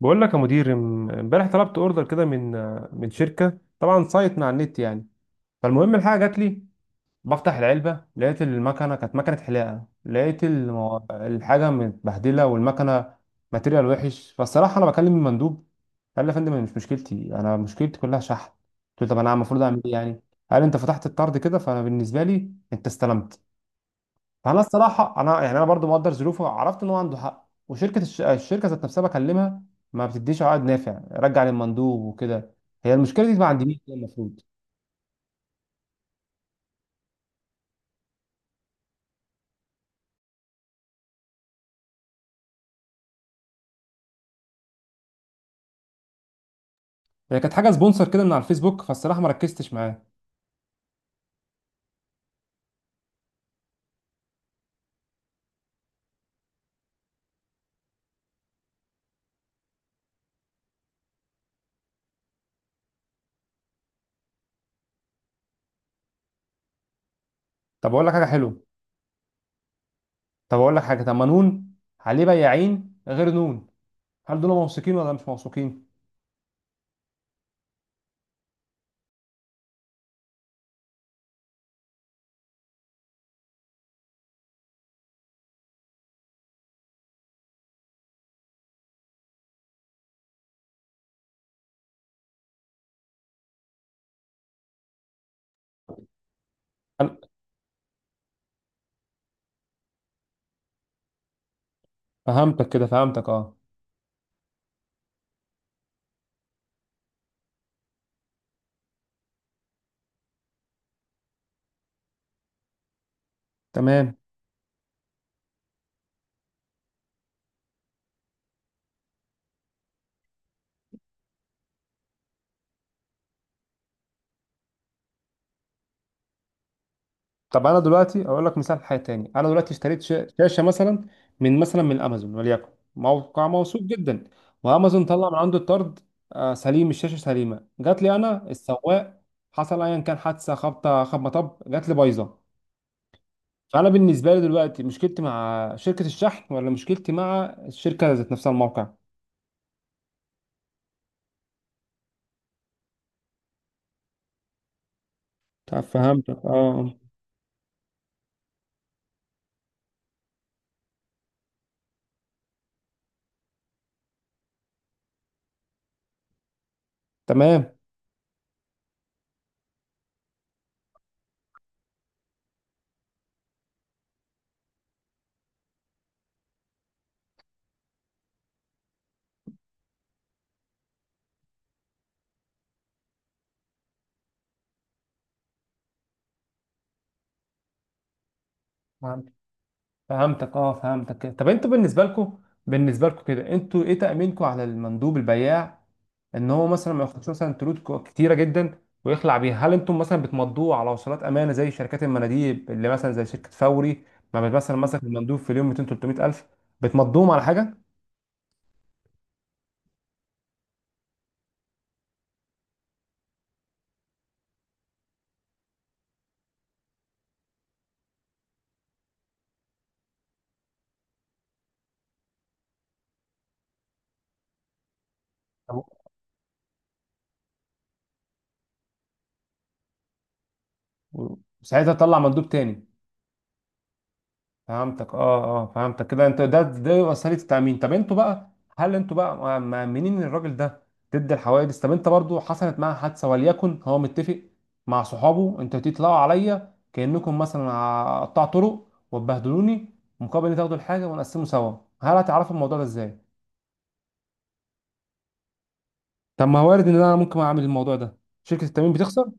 بقول لك يا مدير، امبارح طلبت اوردر كده من شركه، طبعا سايت من على النت يعني. فالمهم الحاجه جات لي، بفتح العلبه لقيت المكنه، كانت مكنه حلاقه، لقيت الحاجه متبهدله والمكنه ماتيريال وحش. فالصراحه انا بكلم المندوب، قال لي يا فندم أنا مش مشكلتي، انا مشكلتي كلها شحن. قلت له طب انا المفروض اعمل ايه يعني؟ قال انت فتحت الطرد كده، فانا بالنسبه لي انت استلمت. فانا الصراحه انا يعني انا برضو مقدر ظروفه، عرفت ان هو عنده حق. وشركه الشركه ذات نفسها بكلمها ما بتديش عقد نافع، رجع للمندوب وكده. هي المشكله دي ما عنديش كده، المفروض. هي كانت حاجه سبونسر كده من على الفيسبوك، فالصراحه ما ركزتش معاه. طب اقول لك حاجه حلوه، طب اقول لك حاجه، طب ما نون عليه بياعين غير نون، هل دول موثوقين ولا مش موثوقين؟ هل- فهمتك كده، فهمتك اه، تمام. طب انا دلوقتي اقول لك مثال حاجه تاني، انا دلوقتي اشتريت شاشه مثلا من مثلا من امازون وليكن، موقع موثوق جدا، وامازون طلع من عنده الطرد آه، سليم، الشاشه سليمه، جات لي انا السواق، حصل ايا كان، حادثه، خبطه، خبطه، مطب، جات لي بايظه. فانا بالنسبه لي دلوقتي، مشكلتي مع شركه الشحن ولا مشكلتي مع الشركه ذات نفسها الموقع؟ طب فهمتك اه، تمام. فهمت- فهمتك اه فهمتك كده. طب انتوا بالنسبه لكم كده، انتوا ايه تأمينكم على المندوب البياع ان هو مثلا ما ياخدش مثلا تلوت كتيره جدا ويخلع بيها؟ هل انتم مثلا بتمضوه على وصلات امانه زي شركات المناديب اللي مثلا زي شركه فوري؟ ما بت- مثلا مسك المندوب في اليوم 200 300 الف، بتمضوهم على حاجه؟ طب- وساعتها تطلع مندوب تاني. فهمتك اه، فهمتك كده. انت ده وسيله التامين، طب انتوا بقى هل انتوا بقى مأمنين الراجل ده ضد الحوادث؟ طب انت برضو حصلت معاه حادثه وليكن، هو متفق مع صحابه انتوا تطلعوا عليا كانكم مثلا قطاع طرق وتبهدلوني مقابل ان تاخدوا الحاجه ونقسمه سوا، هل هتعرفوا الموضوع ده ازاي؟ طب ما هو وارد ان انا ممكن اعمل الموضوع ده، شركه التامين بتخسر.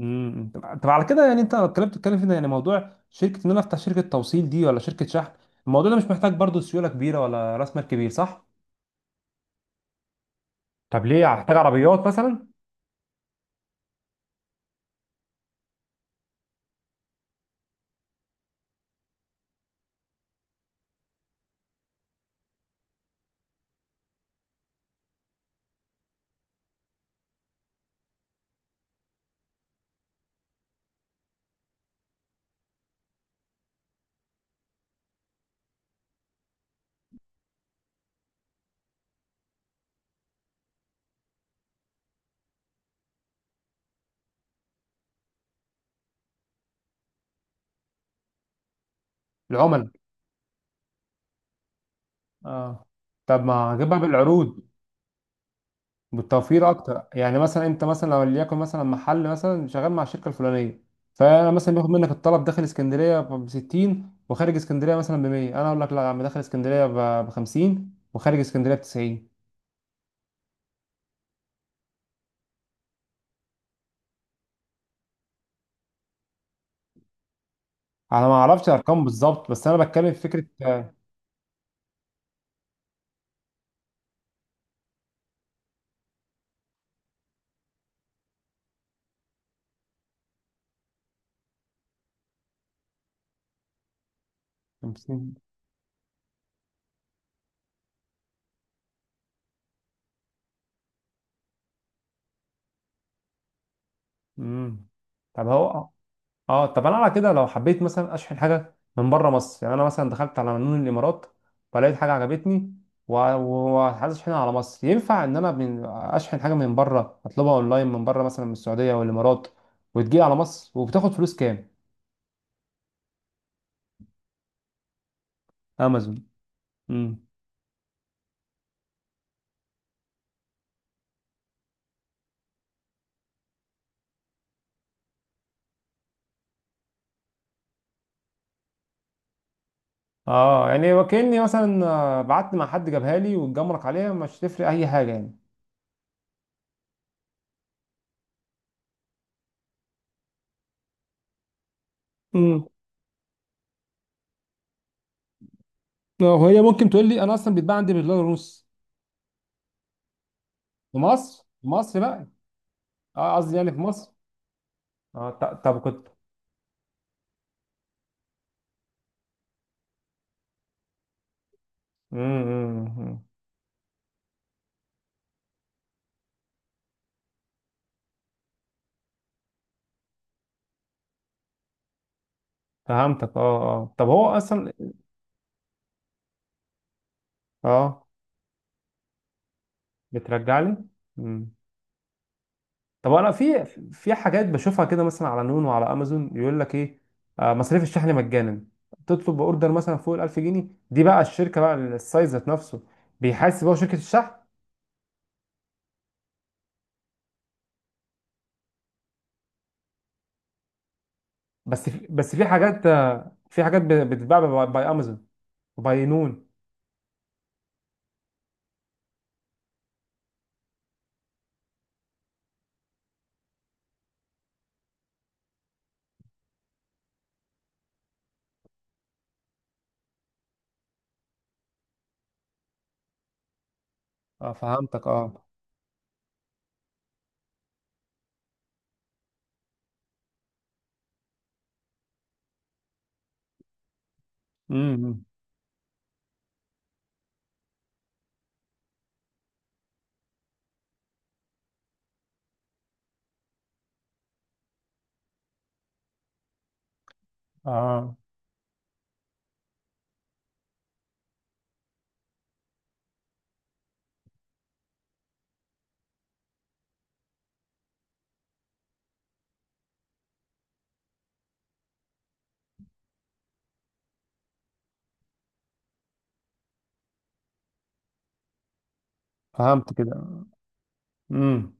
امم. طب على كده يعني انت الكلام بتتكلم فيه ده يعني موضوع شركه، ان انا افتح شركه توصيل دي ولا شركه شحن؟ الموضوع ده مش محتاج برضو سيوله كبيره ولا راس مال كبير، صح؟ طب ليه هحتاج عربيات مثلا؟ العملاء. اه، طب ما هجيبها بالعروض، بالتوفير اكتر. يعني مثلا انت مثلا لو ليكن مثلا محل مثلا شغال مع الشركه الفلانيه، فانا مثلا باخد منك الطلب داخل اسكندريه ب 60 وخارج اسكندريه مثلا ب 100، انا اقول لك لا يا عم، داخل اسكندريه ب 50 وخارج اسكندريه ب 90. انا ما اعرفش ارقام بالظبط، بس انا بتكلم في فكره. 50. امم. طب هو، اه طب انا على كده لو حبيت مثلا اشحن حاجه من بره مصر، يعني انا مثلا دخلت على منون الامارات فلقيت حاجه عجبتني وعايز اشحنها على مصر، ينفع ان انا اشحن حاجه من بره، اطلبها اونلاين من بره مثلا من السعوديه والامارات وتجي على مصر؟ وبتاخد فلوس كام؟ امازون. امم. اه يعني وكأني مثلا آه، بعت مع حد جابها لي واتجمرك عليها، مش تفرق اي حاجه يعني. امم. وهي ممكن تقول لي انا اصلا بيتباع عندي بدولار ونص، في مصر، في مصر بقى، اه قصدي يعني في مصر. اه طب كنت. امم. فهمتك اه اه، طب هو اصلا. اه، بترجع لي. امم. طب انا في في حاجات بشوفها كده مثلا على نون وعلى امازون، يقول لك ايه آه، مصاريف الشحن مجانا، تطلب اوردر مثلا فوق ال 1000 جنيه. دي بقى الشركه بقى، السايز ذات نفسه بيحاسب هو شركه الشحن؟ بس في، بس في حاجات آه، في حاجات بتتباع باي امازون وباي نون. اه فهمتك اه. امم. اه فهمت كده. امم.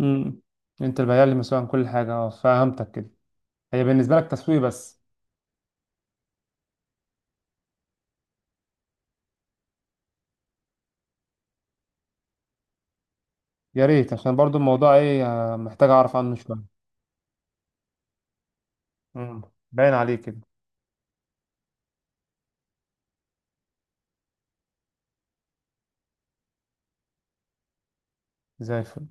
امم، انت البياع اللي مسؤول عن كل حاجه، اه فهمتك كده. هي بالنسبه لك تسويق بس. يا ريت، عشان برضو الموضوع ايه آه، محتاج اعرف عنه شويه. امم. باين عليه كده. زي الفل.